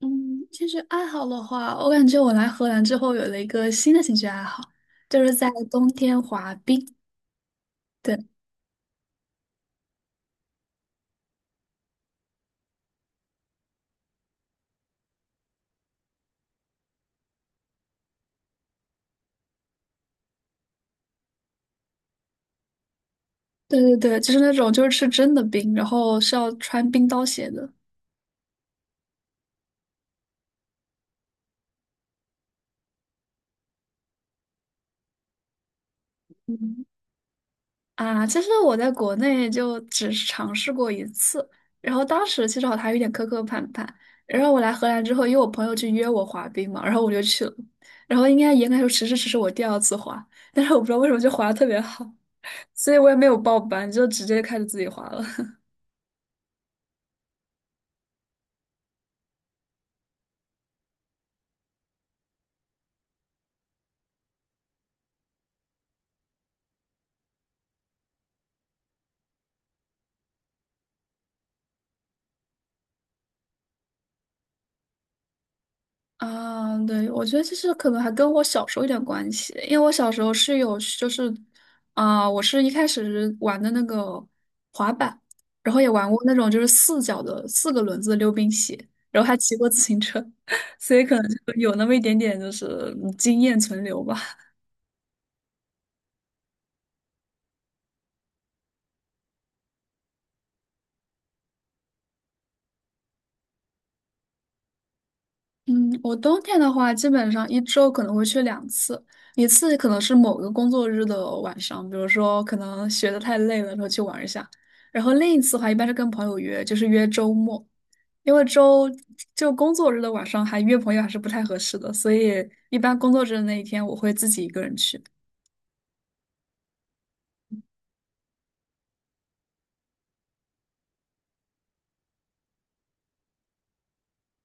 嗯，兴趣爱好的话，我感觉我来荷兰之后有了一个新的兴趣爱好，就是在冬天滑冰。对，对对对，就是那种就是吃真的冰，然后是要穿冰刀鞋的。嗯，其实我在国内就只是尝试过一次，然后当时其实我还有点磕磕绊绊。然后我来荷兰之后，因为我朋友去约我滑冰嘛，然后我就去了。然后应该严格来说，其实只是我第二次滑，但是我不知道为什么就滑的特别好，所以我也没有报班，就直接开始自己滑了。啊，对，我觉得其实可能还跟我小时候有点关系，因为我小时候是有，就是我是一开始玩的那个滑板，然后也玩过那种就是四脚的四个轮子的溜冰鞋，然后还骑过自行车，所以可能就有那么一点点就是经验存留吧。嗯，我冬天的话，基本上一周可能会去两次，一次可能是某个工作日的晚上，比如说可能学的太累了，然后去玩一下。然后另一次的话，一般是跟朋友约，就是约周末，因为就工作日的晚上还约朋友还是不太合适的，所以一般工作日的那一天我会自己一个人去。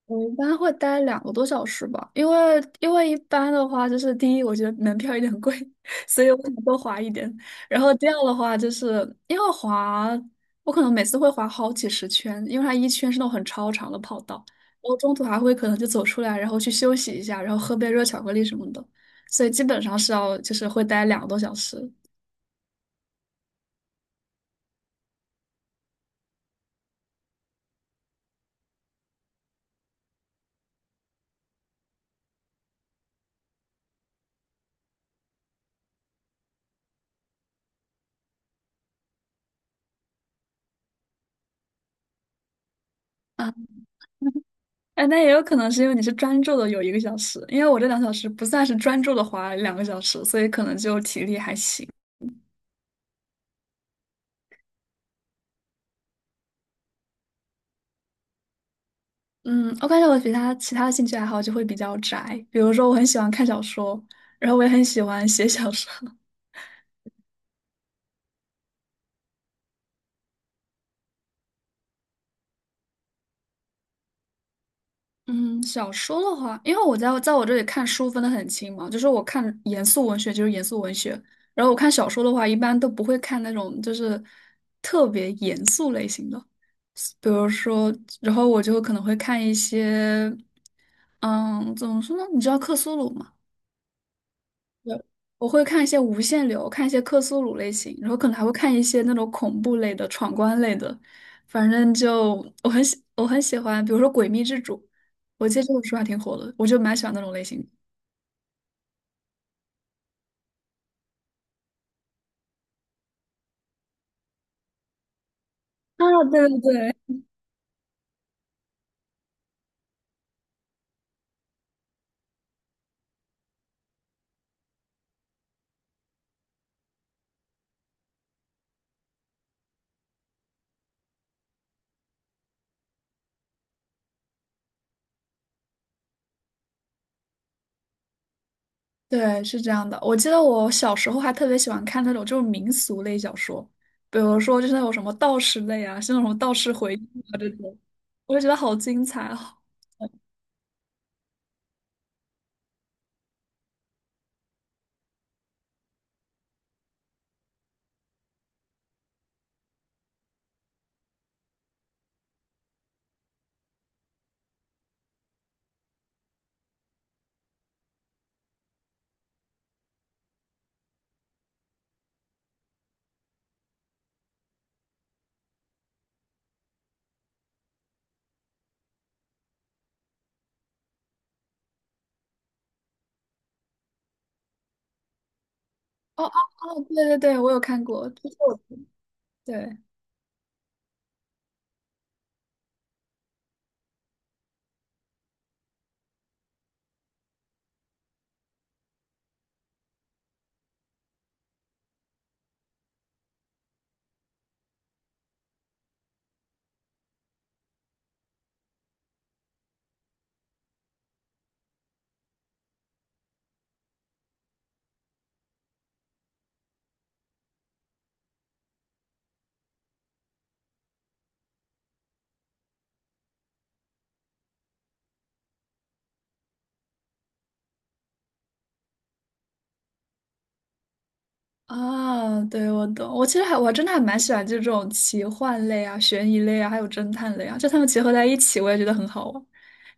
我一般会待两个多小时吧，因为一般的话，就是第一，我觉得门票有点贵，所以我想多滑一点。然后第二的话，就是因为滑，我可能每次会滑好几十圈，因为它一圈是那种很超长的跑道，然后中途还会可能就走出来，然后去休息一下，然后喝杯热巧克力什么的，所以基本上是要就是会待两个多小时。啊。哎，那也有可能是因为你是专注的有一个小时，因为我这两小时不算是专注的滑两个小时，所以可能就体力还行。嗯，我感觉我比他其他的兴趣爱好就会比较宅，比如说我很喜欢看小说，然后我也很喜欢写小说。嗯，小说的话，因为我在我这里看书分的很清嘛，就是我看严肃文学就是严肃文学，然后我看小说的话，一般都不会看那种就是特别严肃类型的，比如说，然后我就可能会看一些，嗯，怎么说呢？你知道克苏鲁吗？我会看一些无限流，看一些克苏鲁类型，然后可能还会看一些那种恐怖类的、闯关类的。反正就我很喜欢，比如说《诡秘之主》，我记得这本书还挺火的，我就蛮喜欢那种类型的。啊，对对对，对，是这样的。我记得我小时候还特别喜欢看那种就是民俗类小说，比如说就是那种什么道士类啊，像那种什么道士回忆啊这种，我就觉得好精彩哦。哦哦哦，对对对，我有看过，就是我对。啊，对，我懂。我其实还真的还蛮喜欢这种奇幻类啊、悬疑类啊，还有侦探类啊，就它们结合在一起，我也觉得很好玩。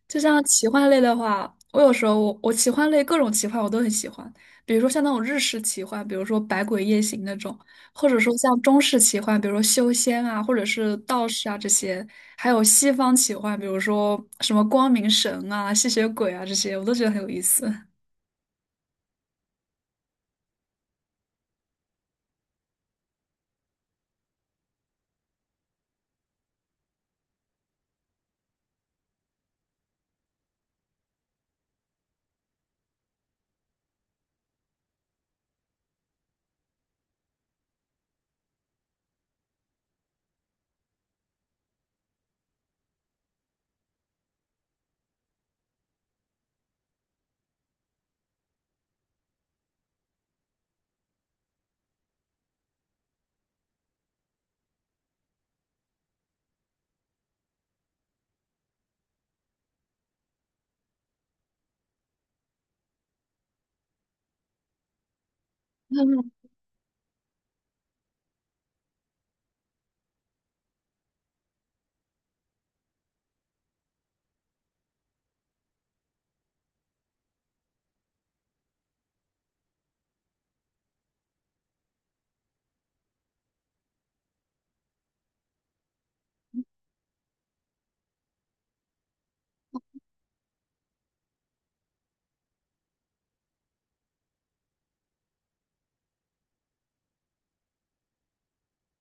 就像奇幻类的话，我有时候我奇幻类各种奇幻我都很喜欢，比如说像那种日式奇幻，比如说《百鬼夜行》那种，或者说像中式奇幻，比如说修仙啊，或者是道士啊这些，还有西方奇幻，比如说什么光明神啊、吸血鬼啊这些，我都觉得很有意思。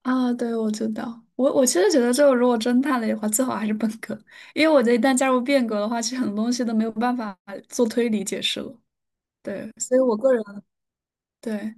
啊，对，我知道。我其实觉得，这个如果真判了的话，最好还是本科，因为我觉得一旦加入变革的话，其实很多东西都没有办法做推理解释了。对，所以我个人对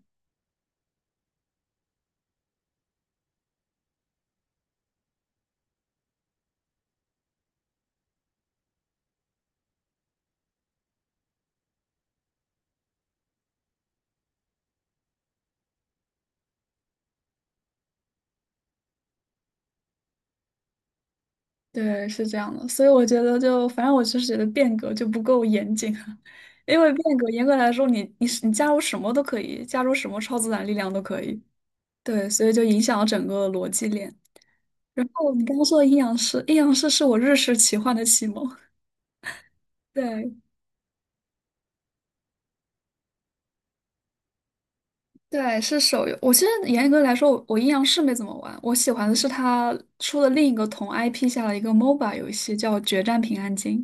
对是这样的，所以我觉得就反正我就是觉得变革就不够严谨啊，因为变革严格来说你，你是你加入什么都可以，加入什么超自然力量都可以。对，所以就影响了整个逻辑链。然后你刚刚说的阴阳师，阴阳师是我日式奇幻的启蒙。对，对，是手游。我现在严格来说，我阴阳师没怎么玩。我喜欢的是他出了另一个同 IP 下的一个 MOBA 游戏，叫《决战平安京》。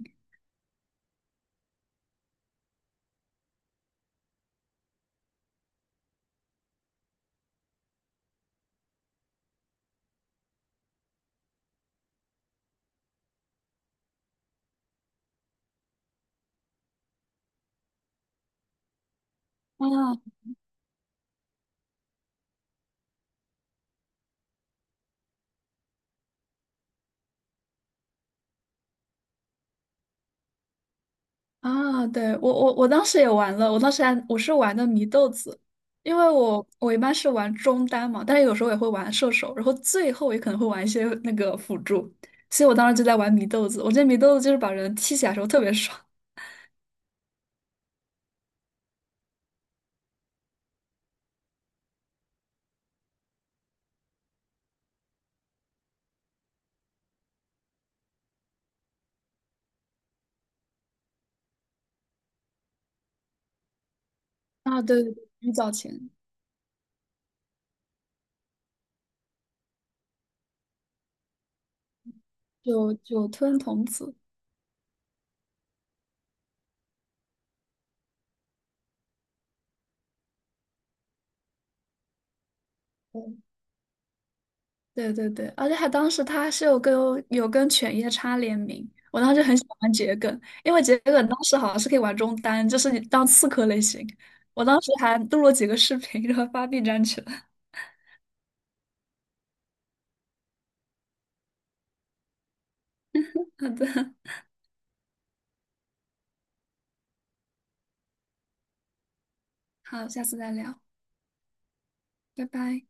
啊，啊，对，我当时也玩了，我当时还我是玩的祢豆子，因为我一般是玩中单嘛，但是有时候也会玩射手，然后最后也可能会玩一些那个辅助，所以我当时就在玩祢豆子。我觉得祢豆子就是把人踢起来的时候特别爽。啊，对对对，很早前九九吞童子。对对对，而且还当时他是有跟有跟犬夜叉联名，我当时很喜欢玩桔梗，因为桔梗当时好像是可以玩中单，就是你当刺客类型。我当时还录了几个视频，然后发 B 站去了。好的，好，下次再聊，拜拜。